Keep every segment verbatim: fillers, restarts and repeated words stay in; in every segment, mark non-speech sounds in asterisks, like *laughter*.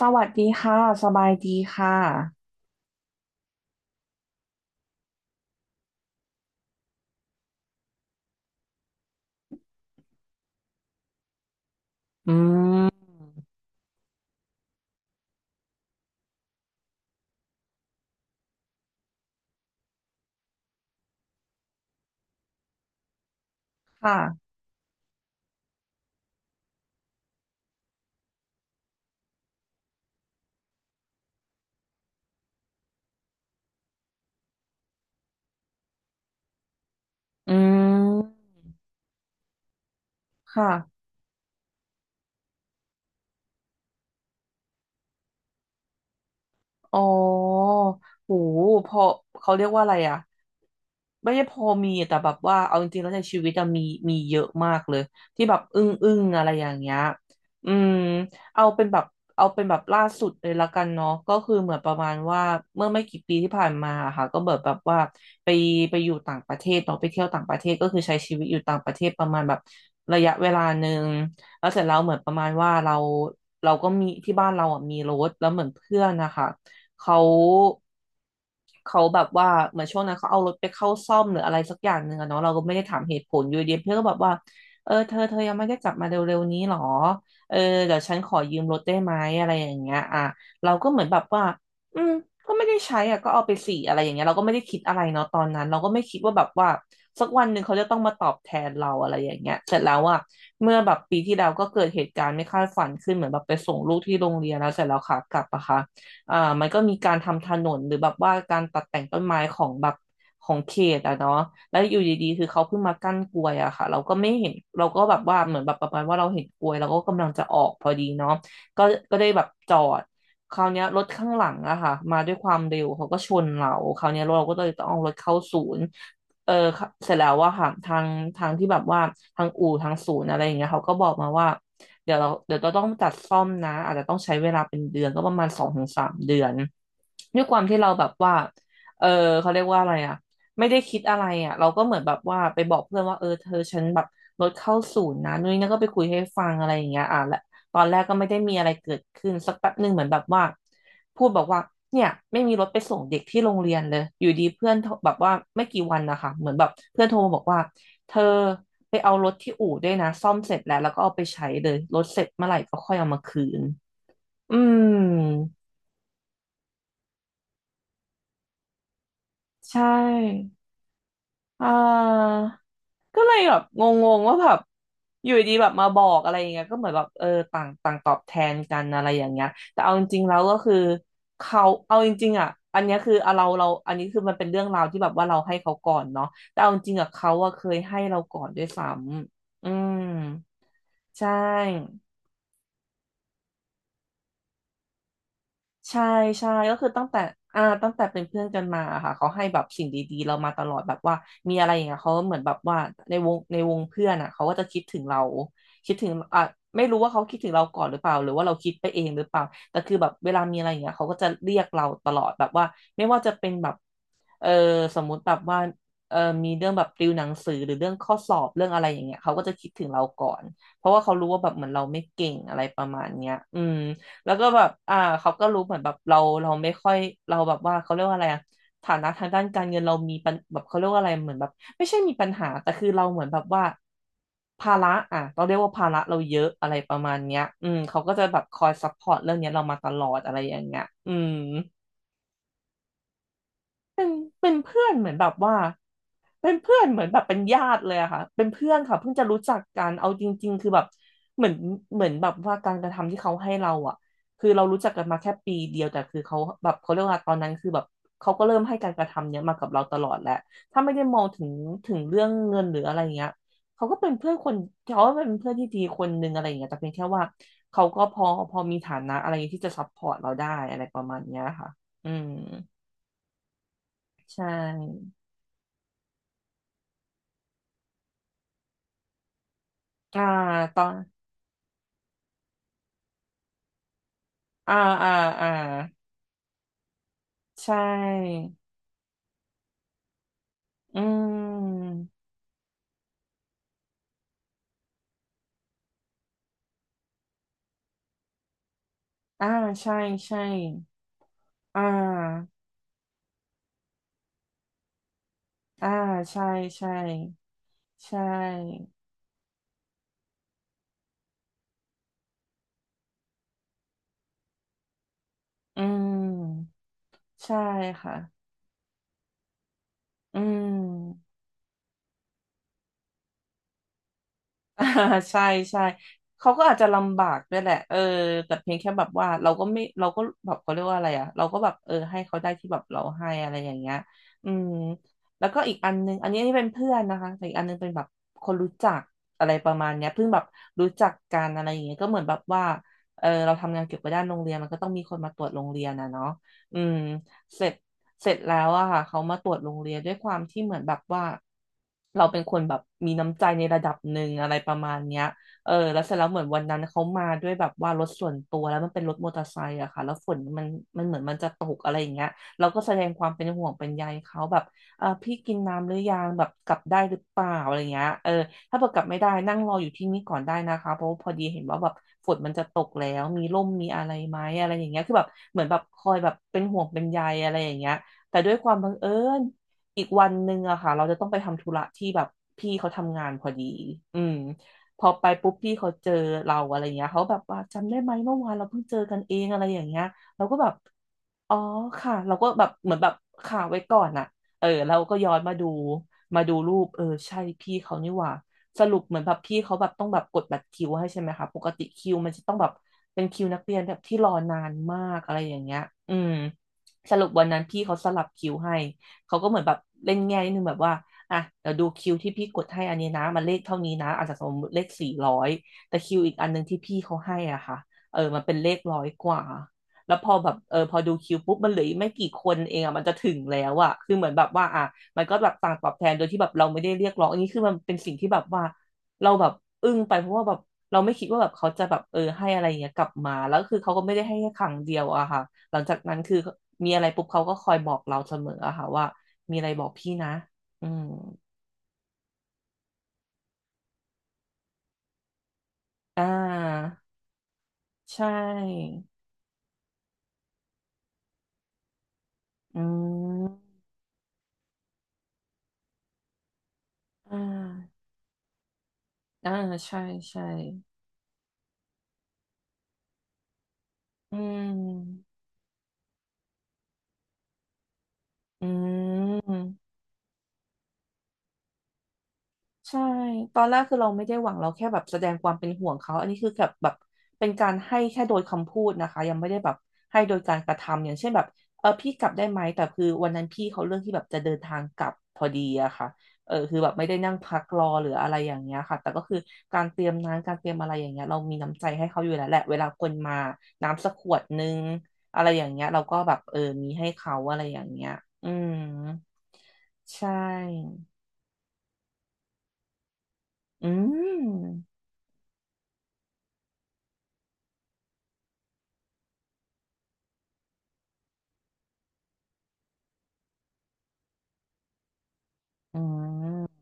สวัสดีค่ะสบายดีค่ะค่ะอืมค่ะ อ๋อโหพอเขาเรียกว่าอะไรอ่ะไม่ใช่พอมีแต่แบบว่าเอาจริงๆแล้วในชีวิตอะมีมีเยอะมากเลยที่แบบอึ้งอึ้งอะไรอย่างเงี้ยอืมเอาเป็นแบบเอาเป็นแบบล่าสุดเลยละกันเนาะก็คือเหมือนประมาณว่าเมื่อไม่กี่ปีที่ผ่านมาอะค่ะก็แบบแบบว่าไปไปอยู่ต่างประเทศเนาะไปเที่ยวต่างประเทศก็คือใช้ชีวิตอยู่ต่างประเทศประมาณแบบระยะเวลาหนึ่งแล้วเสร็จแล้วเหมือนประมาณว่าเราเราก็มีที่บ้านเราอ่ะมีรถแล้วเหมือนเพื่อนนะคะ เขาเขาแบบว่าเหมือนช่วงนั้นเขาเอารถไปเข้าซ่อมหรืออะไรสักอย่างหนึ่งอะเนาะเราก็ไม่ได้ถามเหตุผลอยู่ดีเพื่อนก็แบบว่าเออเธอเธอยังไม่ได้กลับมาเร็วๆนี้หรอเออเดี๋ยวฉันขอยืมรถได้ไหมอะไรอย่างเงี้ยอ่ะเราก็เหมือนแบบว่าอืมก็ไม่ได้ใช้อ่ะก็เอาไปสี่อะไรอย่างเงี้ยเราก็ไม่ได้คิดอะไรเนาะตอนนั้นเราก็ไม่คิดว่าแบบว่าสักวันหนึ่งเขาจะต้องมาตอบแทนเราอะไรอย่างเงี้ยเสร็จแล้วอ่ะเมื่อแบบปีที่แล้วก็เกิดเหตุการณ์ไม่คาดฝันขึ้นเหมือนแบบไปส่งลูกที่โรงเรียนแล้วเสร็จแล้วขากลับอะค่ะ อ่ามันก็มีการทำถนนหรือแบบว่าการตัดแต่งต้นไม้ของแบบของเขตอะเนาะแล้วอยู่ดีๆคือเขาเพิ่งมากั้นกลวยอะค่ะเราก็ไม่เห็นเราก็แบบว่าเหมือนแบบประมาณว่าเราเห็นกลวยเราก็กำลังจะออกพอดีเนาะก็ก็ได้แบบจอดคราวเนี้ยรถข้างหลังอะค่ะมาด้วยความเร็วเขาก็ชนเราคราวเนี้ยเราก็เลยต้องเอารถเข้าศูนย์ เออเสร็จแล้วว่าค่ะทางทางที่แบบว่าทางอู่ทางศูนย์อะไรอย่างเงี้ยเขาก็บอกมาว่าเดี๋ยวเราเดี๋ยวเราต้องจัดซ่อมนะอาจจะต้องใช้เวลาเป็นเดือนก็ประมาณสองถึงสามเดือนด้วยความที่เราแบบว่าเออเขาเรียกว่าอะไรอ่ะไม่ได้คิดอะไรอ่ะเราก็เหมือนแบบว่าไปบอกเพื่อนว่าเออเธอฉันแบบรถเข้าศูนย์นะนุ้ยนั่นก็ไปคุยให้ฟังอะไรอย่างเงี้ยอ่ะและตอนแรกก็ไม่ได้มีอะไรเกิดขึ้นสักแป๊บหนึ่งเหมือนแบบว่า พูดบอกว่าเนี่ยไม่มีรถไปส่งเด็กที่โรงเรียนเลยอยู่ดีเพื่อนโทรแบบว่าไม่กี่วันนะคะเหมือนแบบเพื่อนโทรมาบอกว่าเธอไปเอารถที่อู่ด้วยนะซ่อมเสร็จแล้วแล้วก็เอาไปใช้เลยรถเสร็จเมื่อไหร่ก็ค่อยเอามาคืนอืมใช่อ่า ก็เลยแบบงงๆว่าแบบอยู่ดีแบบมาบอกอะไรอย่างเงี้ยก็เหมือนแบบเออต่างต่างตอบแทนกันอะไรอย่างเงี้ยแต่เอาจริงๆแล้วก็คือเขาเอาจริงๆอ่ะอันเนี้ยคือเอาเราเราอันนี้คือมันเป็นเรื่องราวที่แบบว่าเราให้เขาก่อนเนาะแต่เอาจริงๆอ่ะเขาอะเคยให้เราก่อนด้วยซ้ำอืมใช่ ใช่ใช่ก็คือตั้งแต่อ่าตั้งแต่เป็นเพื่อนกันมาค่ะเขาให้แบบสิ่งดีๆเรามาตลอดแบบว่ามีอะไรอย่างเงี้ยเขาเหมือนแบบว่าในวงในวงเพื่อนอ่ะเขาก็จะคิดถึงเราคิดถึงอ่ะไม่รู้ว่าเขาคิดถึงเราก่อนหรือเปล่าหรือว่าเราคิดไปเองหรือเปล่าแต่คือแบบเวลามีอะไรอย่างเงี้ยเขาก็จะเรียกเราตลอดแบบว่าไม่ว่าจะเป็นแบบเออสมมุติแบบว่าเออมีเรื่องแบบติวหนังสือหรือเรื่องข้อสอบเรื่องอะไรอย่างเงี้ยเขาก็จะคิดถึงเราก่อนเพราะว่าเขารู้ว่าแบบเหมือนเราไม่เก่งอะไรประมาณเนี้ยอืม แล้วก็แบบอ่าเขาก็รู้เหมือนแบบเราเราไม่ค่อยเราแบบว่าเขาเรียกว่าอะไรอะฐานะทางด้านการเงินเรามีปัญแบบเขาเรียกว่าอะไรเหมือนแบบไม่ใช่มีปัญหาแต่คือเราเหมือนแบบว่าภาระอ่ะเราเรียกว่าภาระเราเยอะอะไรประมาณเนี้ยอืมเขาก็จะแบบคอยซัพพอร์ตเรื่องเนี้ยเรามาตลอดอะไรอย่างเงี้ยอืม เป็นเป็นเพื่อนเหมือนแบบว่าเป็นเพื่อนเหมือนแบบเป็นญาติเลยอะค่ะเป็นเพื่อนค่ะเพิ่งจะรู้จักกันเอาจริงๆคือแบบเหมือนเหมือนแบบว่าการกระทำที่เขาให้เราอะคือเรารู้จักกันมาแค่ปีเดียวแต่คือเขาแบบเขาเรียกว่าตอนนั้นคือแบบเขาก็เริ่มให้การกระทำเนี้ยมากับเราตลอดแหละถ้าไม่ได้มองถึงถึงเรื่องเงินหรืออะไรเงี้ยเขาก็เป็นเพื่อนคนเขาก็เป็นเพื่อนที่ดีคนนึงอะไรอย่างเงี้ยแต่เพียงแค่ว่าเขาก็พอพอมีฐานะอะไรที่จะซัพพอร์ตเราได้อะไรประมาณเนี้ยค่ะอืมใช่ อ่าตอนอ่าอ่าอ่าใช่อืมอ่าใช่ใช่อ่าอ่าใช่ใช่ใช่อืมใช่ค่ะอืม *laughs* อ่าใช่ใช่เขาก็อาจจะลำบากด้วยแหละเออแต่เพียงแค่แบบว่าเราก็ไม่เราก็แบบเขาเรียกว่าอะไรอ่ะเราก็แบบเออให้เขาได้ที่แบบเราให้อะไรอย่างเงี้ยอืมแล้วก็อีกอันนึงอันนี้ที่เป็นเพื่อนนะคะแต่อีกอันนึงเป็นแบบคนรู้จักอะไรประมาณเนี้ยเพิ่งแบบรู้จักกันอะไรอย่างเงี้ยก็เหมือนแบบว่าเออเราทำงานเกี่ยวกับด้านโรงเรียนมันก็ต้องมีคนมาตรวจโรงเรียนนะเนาะอืมเสร็จ เสร็จแล้วอะค่ะเขามาตรวจโรงเรียนด้วยความที่เหมือนแบบว่าเราเป็นคนแบบมีน้ำใจในระดับหนึ่งอะไรประมาณเนี้ยเออแล้วเสร็จแล้วเหมือนวันนั้นเขามาด้วยแบบว่ารถส่วนตัวแล้วมันเป็นรถมอเตอร์ไซค์อะค่ะแล้วฝนมันมันเหมือนมันจะตกอะไรอย่างเงี้ยเราก็แสดงความเป็นห่วงเป็นใยเขาแบบเออพี่กินน้ำหรือยังแบบกลับได้หรือเปล่าอะไรเงี้ยเออถ้าเกิดกลับไม่ได้นั่งรออยู่ที่นี่ก่อนได้นะคะเพราะว่าพอดีเห็นว่าแบบฝนมันจะตกแล้วมีร่มมีอะไรไหมอะไรอย่างเงี้ยคือแบบเหมือนแบบคอยแบบเป็นห่วงเป็นใยอะไรอย่างเงี้ย แต่ด้วยความบังเอิญอีกวันหนึ่งอะค่ะเราจะต้องไปทำธุระที่แบบพี่เขาทำงานพอดีอืมพอไปปุ๊บพี่เขาเจอเราอะไรเงี้ยเขาแบบว่าจำได้ไหมเมื่อวานเราเพิ่งเจอกันเองอะไรอย่างเงี้ยเราก็แบบ อ๋อค่ะเราก็แบบเหมือนแบบข่าวไว้ก่อนอะเออเราก็ย้อนมาดูมาดูรูปเออใช่พี่เขานี่หว่าสรุปเหมือนแบบพี่เขาแบบต้องแบบกดบัตรคิวให้ใช่ไหมคะปกติคิวมันจะต้องแบบเป็นคิวนักเรียนแบบที่รอนานมากอะไรอย่างเงี้ยอืมสรุปวันนั้นพี่เขาสลับคิวให้เขาก็เหมือนแบบเล่นแง่นิดนึงแบบว่าอ่ะเดี๋ยวดูคิวที่พี่กดให้อันนี้นะมันเลขเท่านี้นะอาจจะสมมติเลขสี่ร้อยแต่คิวอีกอันหนึงที่พี่เขาให้อ่ะค่ะเออมันเป็นเลขร้อยกว่า แล้วพอแบบเออพอดูคิวปุ๊บมันเหลืออีกไม่กี่คนเองอ่ะมันจะถึงแล้วอ่ะคือเหมือนแบบว่าอ่ะมันก็แบบต่างตอบแทนโดยที่แบบเราไม่ได้เรียกร้องอันนี้คือมันเป็นสิ่งที่แบบว่าเราแบบอึ้งไปเพราะว่าแบบเราไม่คิดว่าแบบเขาจะแบบเออให้อะไรอย่างเงี้ยกลับมาแล้วคือเขาก็ไม่ได้ให้แค่ครั้งเดียวอะค่ะหลังจากนั้นคือมีอะไรปุ๊บเขาก็คอยบอกเราเสมออะค่ะว่ามีอะไรบอกพี่นะอืมอ่าใช่อืมอ่าอ่าใช่ใช่อืมอืม ใช่ตอนแรกคือเราไม่ได้หวังเราแค่แบบแสดงความเป็นห่วงเขา อันนี้คือแบบแบบเป็นการให้แค่โดยคำพูดนะคะ ยังไม่ได้แบบให้โดยการกระทำ อย่างเช่นแบบ เออพี่กลับได้ไหมแต่คือวันนั้นพี่เขาเรื่องที่แบบจะเดินทางกลับพอดีอะค่ะเออคือแบบไม่ได้นั่งพักรอหรืออะไรอย่างเงี้ยค่ะแต่ก็คือการเตรียมน้ำการเตรียมอะไรอย่างเงี้ยเรามีน้ำใจให้เขาอยู่แล้วแหละเวลาคนมาน้ำสักขวดนึงอะไรอย่างเงี้ยเราก็แบบเออมีให้เขาอะไรอย่างเงี้ยอืมใช่อืม อืม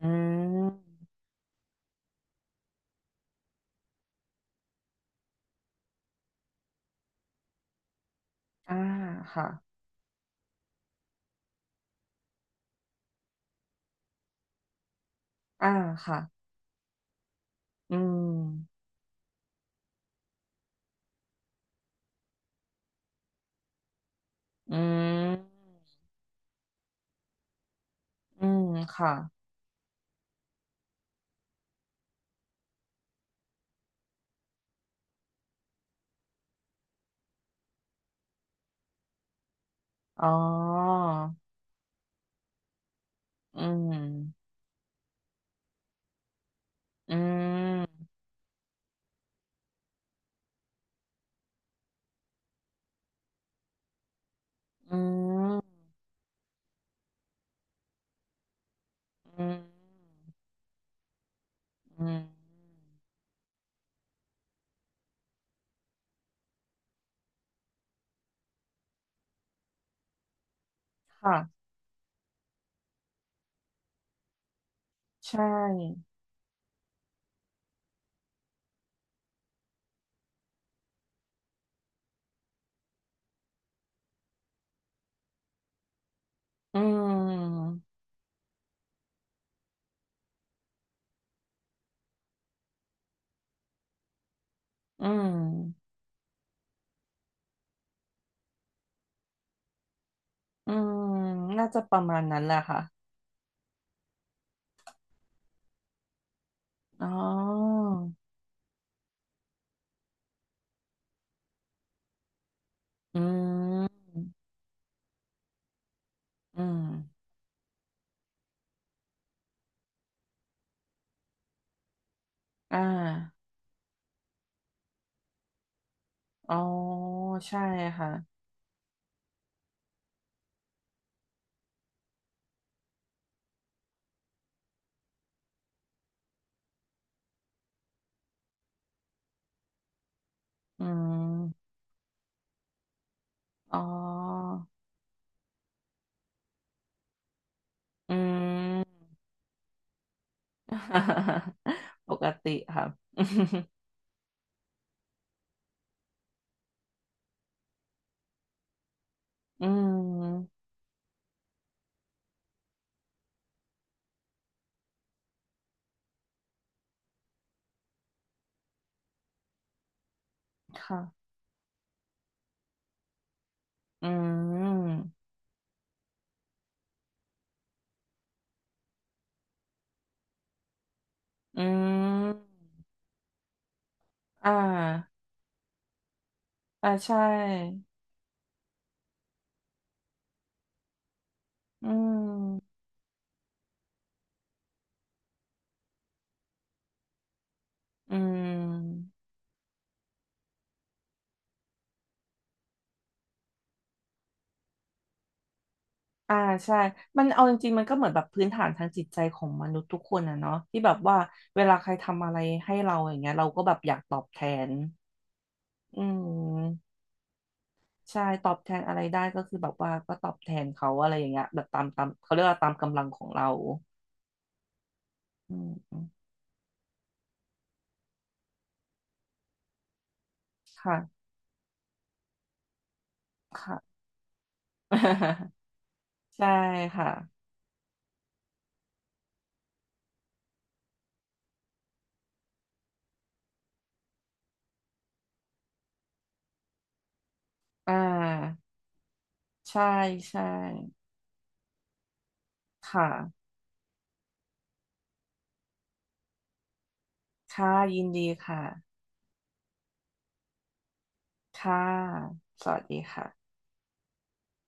อืมอ่าค่ะอ่าค่ะอืมอืมอืมค่ะอ๋ออืมอืมอืมอืมอืมค่ะใช่อืมอืมอืมน่าจะประมาณนั้นแหละค่ะอ๋ออืมอืมอ่าอ๋อใช่ค่ะอืม อ๋ออืม *laughs* ปกติครับ *laughs* อืมค่ะอืมอืมอ่าอ่าใช่อืมอืมอ่าใช่มันเอาจริงๆมันก็เหมือนแบบพื้นฐานทางจิตใจของมนุษย์ทุกคนอะเนาะที่แบบว่าเวลาใครทำอะไรให้เราอย่างเงี้ยเราก็แบบอยากตอบแทนอืม ใช่ตอบแทนอะไรได้ก็คือแบบว่าก็ตอบแทนเขาอะไรอย่างเงี้ยแบบตามตามเขาเรียกว่าตามกำลังของเราอืมอืมค่ะค่ะ *laughs* ใช่ค่ะอ่าใช่ใช่ค่ะค่ะยินดีค่ะค่ะสวัสดีค่ะ